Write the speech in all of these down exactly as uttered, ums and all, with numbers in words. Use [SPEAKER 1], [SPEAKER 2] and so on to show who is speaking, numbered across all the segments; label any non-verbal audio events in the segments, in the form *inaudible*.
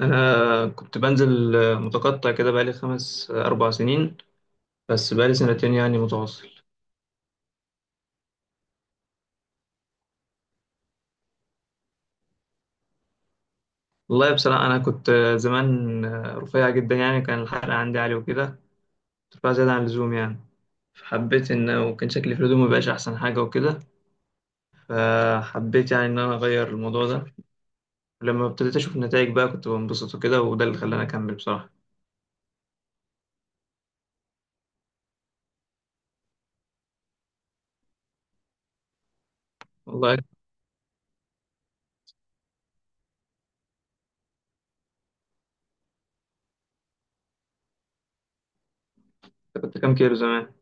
[SPEAKER 1] أنا كنت بنزل آه، متقطع كده بقالي خمس آه، أربع سنين. بس بقالي سنتين يعني متواصل. والله بصراحة أنا كنت آه، زمان آه، رفيع جدا يعني، كان الحرق عندي عالي وكده. كنت رفيع زيادة عن اللزوم يعني. فحبيت إن وكان شكلي في الهدوم مبقاش أحسن حاجة وكده. فحبيت يعني إن أنا أغير الموضوع ده. ولما ابتديت أشوف النتائج بقى كنت بنبسط وكده، وده اللي خلاني أكمل بصراحة. والله كنت كنت كام كيلو زمان؟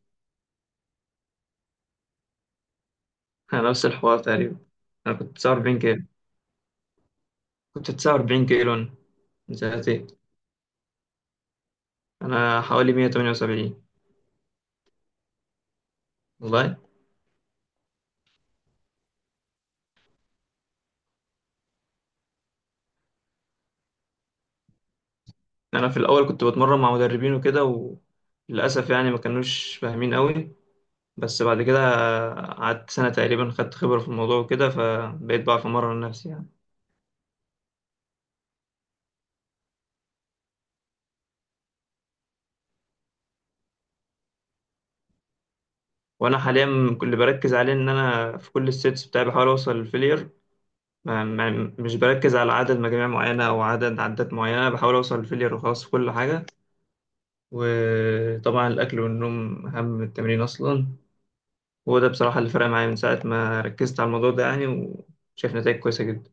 [SPEAKER 1] *laughs* أنا نفس الحوار تقريبا. أنا كنت تسعة وأربعين كيلو. كنت تسعة وأربعين كيلو أنا، من سنتين. انا حوالي مية تمانية وسبعين. والله. انا في الاول كنت بتمرن مع مدربين وكده، وللاسف يعني ما كانوش فاهمين قوي. بس بعد كده قعدت سنه تقريبا، خدت خبره في الموضوع وكده، فبقيت بعرف امرن نفسي يعني. وانا حاليا اللي بركز عليه ان انا في كل السيتس بتاعي بحاول اوصل للفيلير. ما ما مش بركز على عدد مجاميع معينه او عدد عدات معينه، بحاول اوصل للفيلير وخلاص في كل حاجه. وطبعا الاكل والنوم اهم من التمرين اصلا، وده بصراحة اللي فرق معايا من ساعة ما ركزت على الموضوع ده يعني، وشايف نتائج كويسة جدا.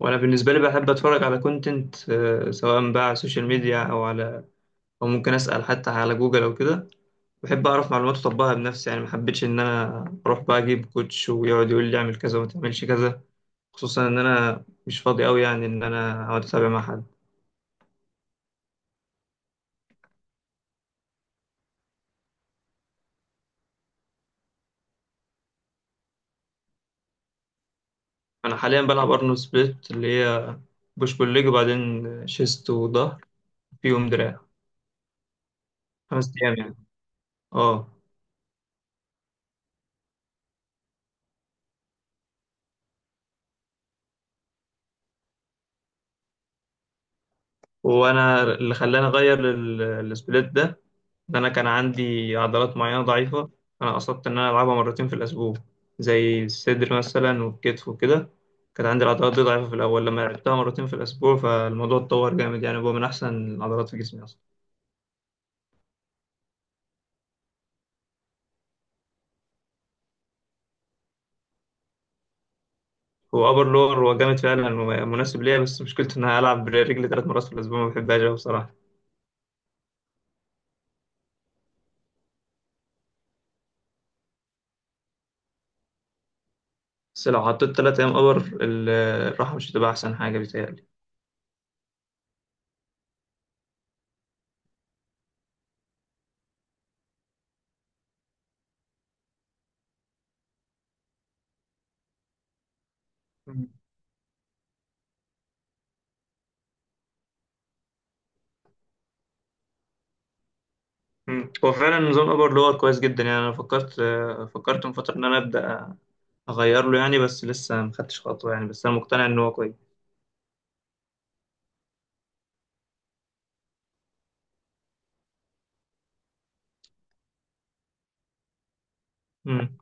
[SPEAKER 1] وأنا بالنسبة لي بحب أتفرج على كونتنت، سواء بقى على السوشيال ميديا أو على أو ممكن أسأل حتى على جوجل أو كده. بحب أعرف معلومات وأطبقها بنفسي يعني، ما حبيتش إن أنا أروح بقى أجيب كوتش ويقعد يقول لي أعمل كذا وما تعملش كذا، خصوصا إن أنا مش فاضي أوي يعني إن أنا أقعد أتابع مع حد. أنا حاليا بلعب أرنولد سبليت، اللي هي بوش بول ليج وبعدين شيست وظهر فيهم دراع. خمس أيام يعني. أه. وانا اللي خلاني اغير ال- السبليت ده ان انا كان عندي عضلات معينه ضعيفه. انا قصدت ان انا العبها مرتين في الاسبوع، زي الصدر مثلا والكتف وكده. كانت عندي العضلات دي ضعيفه في الاول، لما لعبتها مرتين في الاسبوع فالموضوع اتطور جامد يعني، هو من احسن العضلات في جسمي اصلا. هو ابر لور هو جامد فعلا ومناسب ليا، بس مشكلته ان انا العب برجلي ثلاث مرات في الاسبوع، ما بحبهاش أوي بصراحه. بس لو حطيت ثلاث ايام ابر الراحه مش هتبقى احسن حاجه بيتهيألي. مم. هو فعلا نظام ابر لور كويس جدا يعني، انا فكرت آه، فكرت من فتره ان انا ابدا اغير له يعني، بس لسه ما خدتش خطوه يعني، بس انا مقتنع ان هو كويس. مم.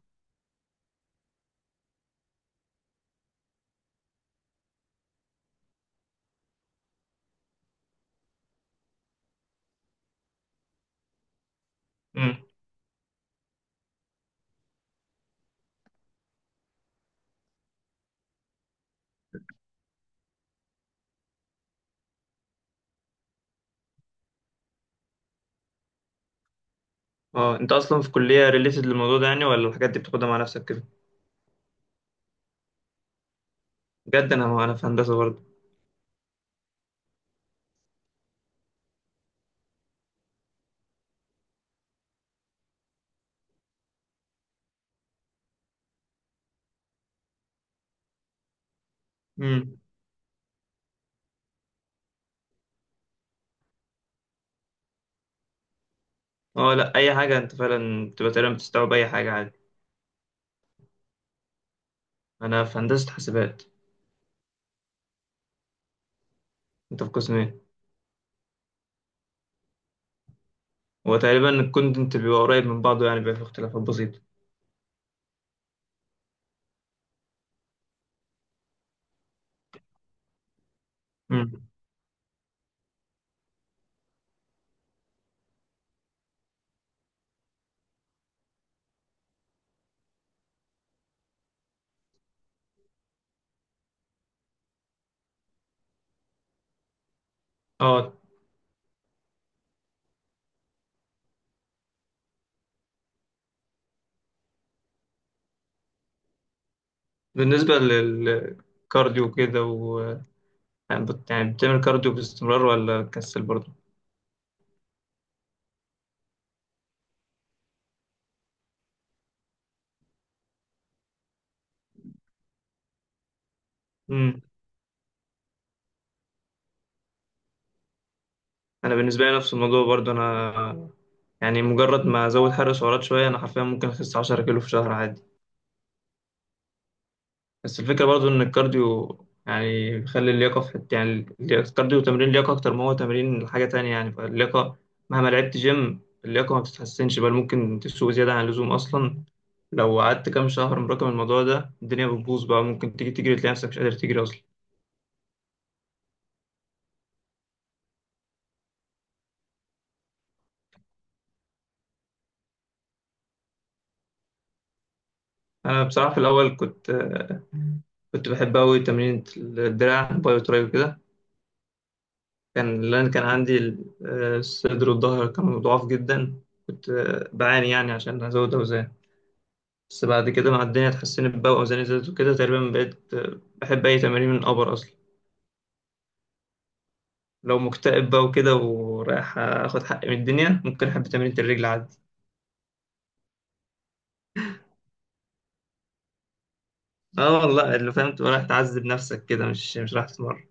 [SPEAKER 1] مم. اه، انت اصلا في كليه ريليتد للموضوع ده يعني، ولا الحاجات دي بتاخدها مع نفسك كده؟ بجد. انا انا في هندسه برضه. مم. اه لا، اي حاجه انت فعلا بتبقى تقريبا بتستوعب اي حاجه عادي. انا في هندسه حاسبات. انت في قسم ايه؟ هو تقريبا الكونتنت بيبقى قريب من بعضه، يعني بيبقى في اختلافات بسيطه. مم. اه. بالنسبه للكارديو كده، يعني بت- يعني بتعمل كارديو باستمرار ولا كسل برضه؟ امم انا بالنسبه لي نفس الموضوع برضه. انا يعني مجرد ما ازود حرق سعرات شويه انا حرفيا ممكن اخس عشر كيلو في شهر عادي. بس الفكره برضه ان الكارديو يعني بيخلي اللياقه في حته، يعني الكارديو تمرين لياقه اكتر ما هو تمرين حاجه تانية يعني، فاللياقه مهما لعبت جيم اللياقه ما بتتحسنش، بل ممكن تسوء زياده عن اللزوم اصلا. لو قعدت كام شهر مراكم الموضوع ده الدنيا بتبوظ بقى، ممكن تيجي تجري تلاقي نفسك مش قادر تجري اصلا. انا بصراحه في الاول كنت كنت بحب أوي تمرين الدراع باي وتراي وكده، كان لأن كان عندي ال- آه، الصدر والظهر كانوا ضعاف جدا. كنت آه، بعاني يعني عشان أزود أوزان. بس بعد كده مع الدنيا اتحسنت بقى وأوزاني زادت وكده، تقريبا بقيت آه، بحب أي تمارين من الأبر أصلا. لو مكتئب بقى وكده ورايح آخد حقي من الدنيا، ممكن أحب تمرين الرجل عادي. اه والله، اللي فاهم تبقى رايح تعذب نفسك كده، مش مش رايح تتمرن.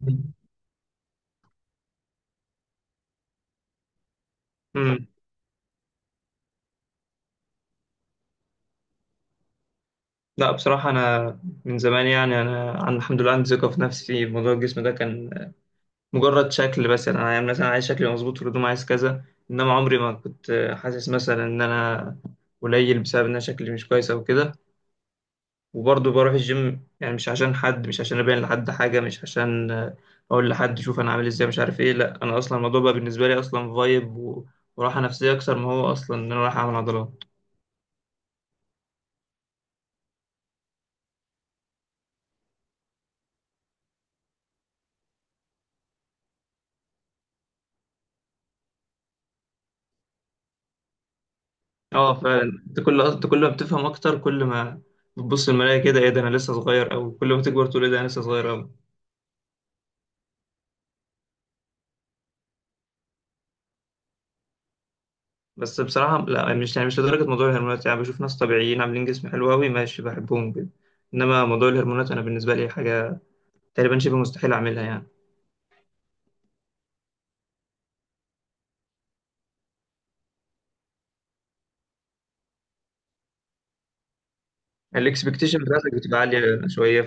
[SPEAKER 1] *laughs* امم. لا بصراحة أنا من زمان يعني، أنا عن- الحمد لله عندي ثقة في نفسي. موضوع الجسم ده كان مجرد شكل، مثلا انا يعني انا مثلا عايز شكلي مظبوط في الهدوم، عايز كذا. انما عمري ما كنت حاسس مثلا ان انا قليل بسبب ان انا شكلي مش كويس او كده. وبرضه بروح الجيم يعني، مش عشان حد، مش عشان ابين لحد حاجه، مش عشان آه، اقول لحد شوف انا عامل ازاي مش عارف ايه. لا انا اصلا الموضوع بقى بالنسبه لي اصلا فايب و... وراحه نفسيه اكتر ما هو اصلا ان انا رايح اعمل عضلات. اه فعلا، انت كل انت كل ما بتفهم اكتر، كل ما بتبص المرايه كده ايه ده انا لسه صغير، او كل ما تكبر تقول ايه ده انا لسه صغير. بس بصراحة لا، يعني مش يعني مش لدرجة موضوع الهرمونات. يعني بشوف ناس طبيعيين عاملين جسم حلو أوي ماشي، بحبهم جدا. إنما موضوع الهرمونات أنا بالنسبة لي حاجة تقريبا شبه مستحيل أعملها يعني. الإكسبكتيشن بتاعتك بتبقى عالية شوية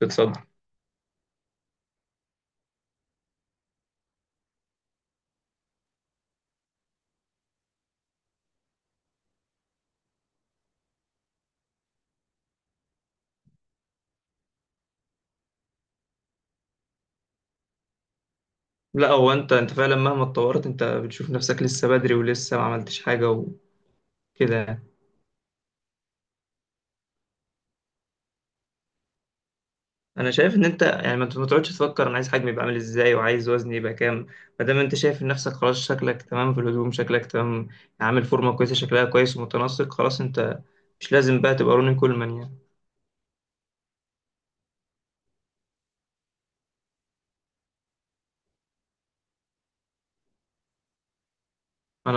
[SPEAKER 1] فبتصدم. لا، هو أنت أنت فعلا مهما اتطورت أنت بتشوف نفسك لسه بدري ولسه ما عملتش حاجة وكده يعني. انا شايف ان انت يعني ما ما تقعدش تفكر انا عايز حجمي يبقى عامل ازاي وعايز وزني يبقى كام. ما دام انت شايف نفسك خلاص شكلك تمام في الهدوم، شكلك تمام، عامل فورمه كويسه شكلها كويس ومتناسق، خلاص انت مش لازم بقى تبقى روني كولمان يعني.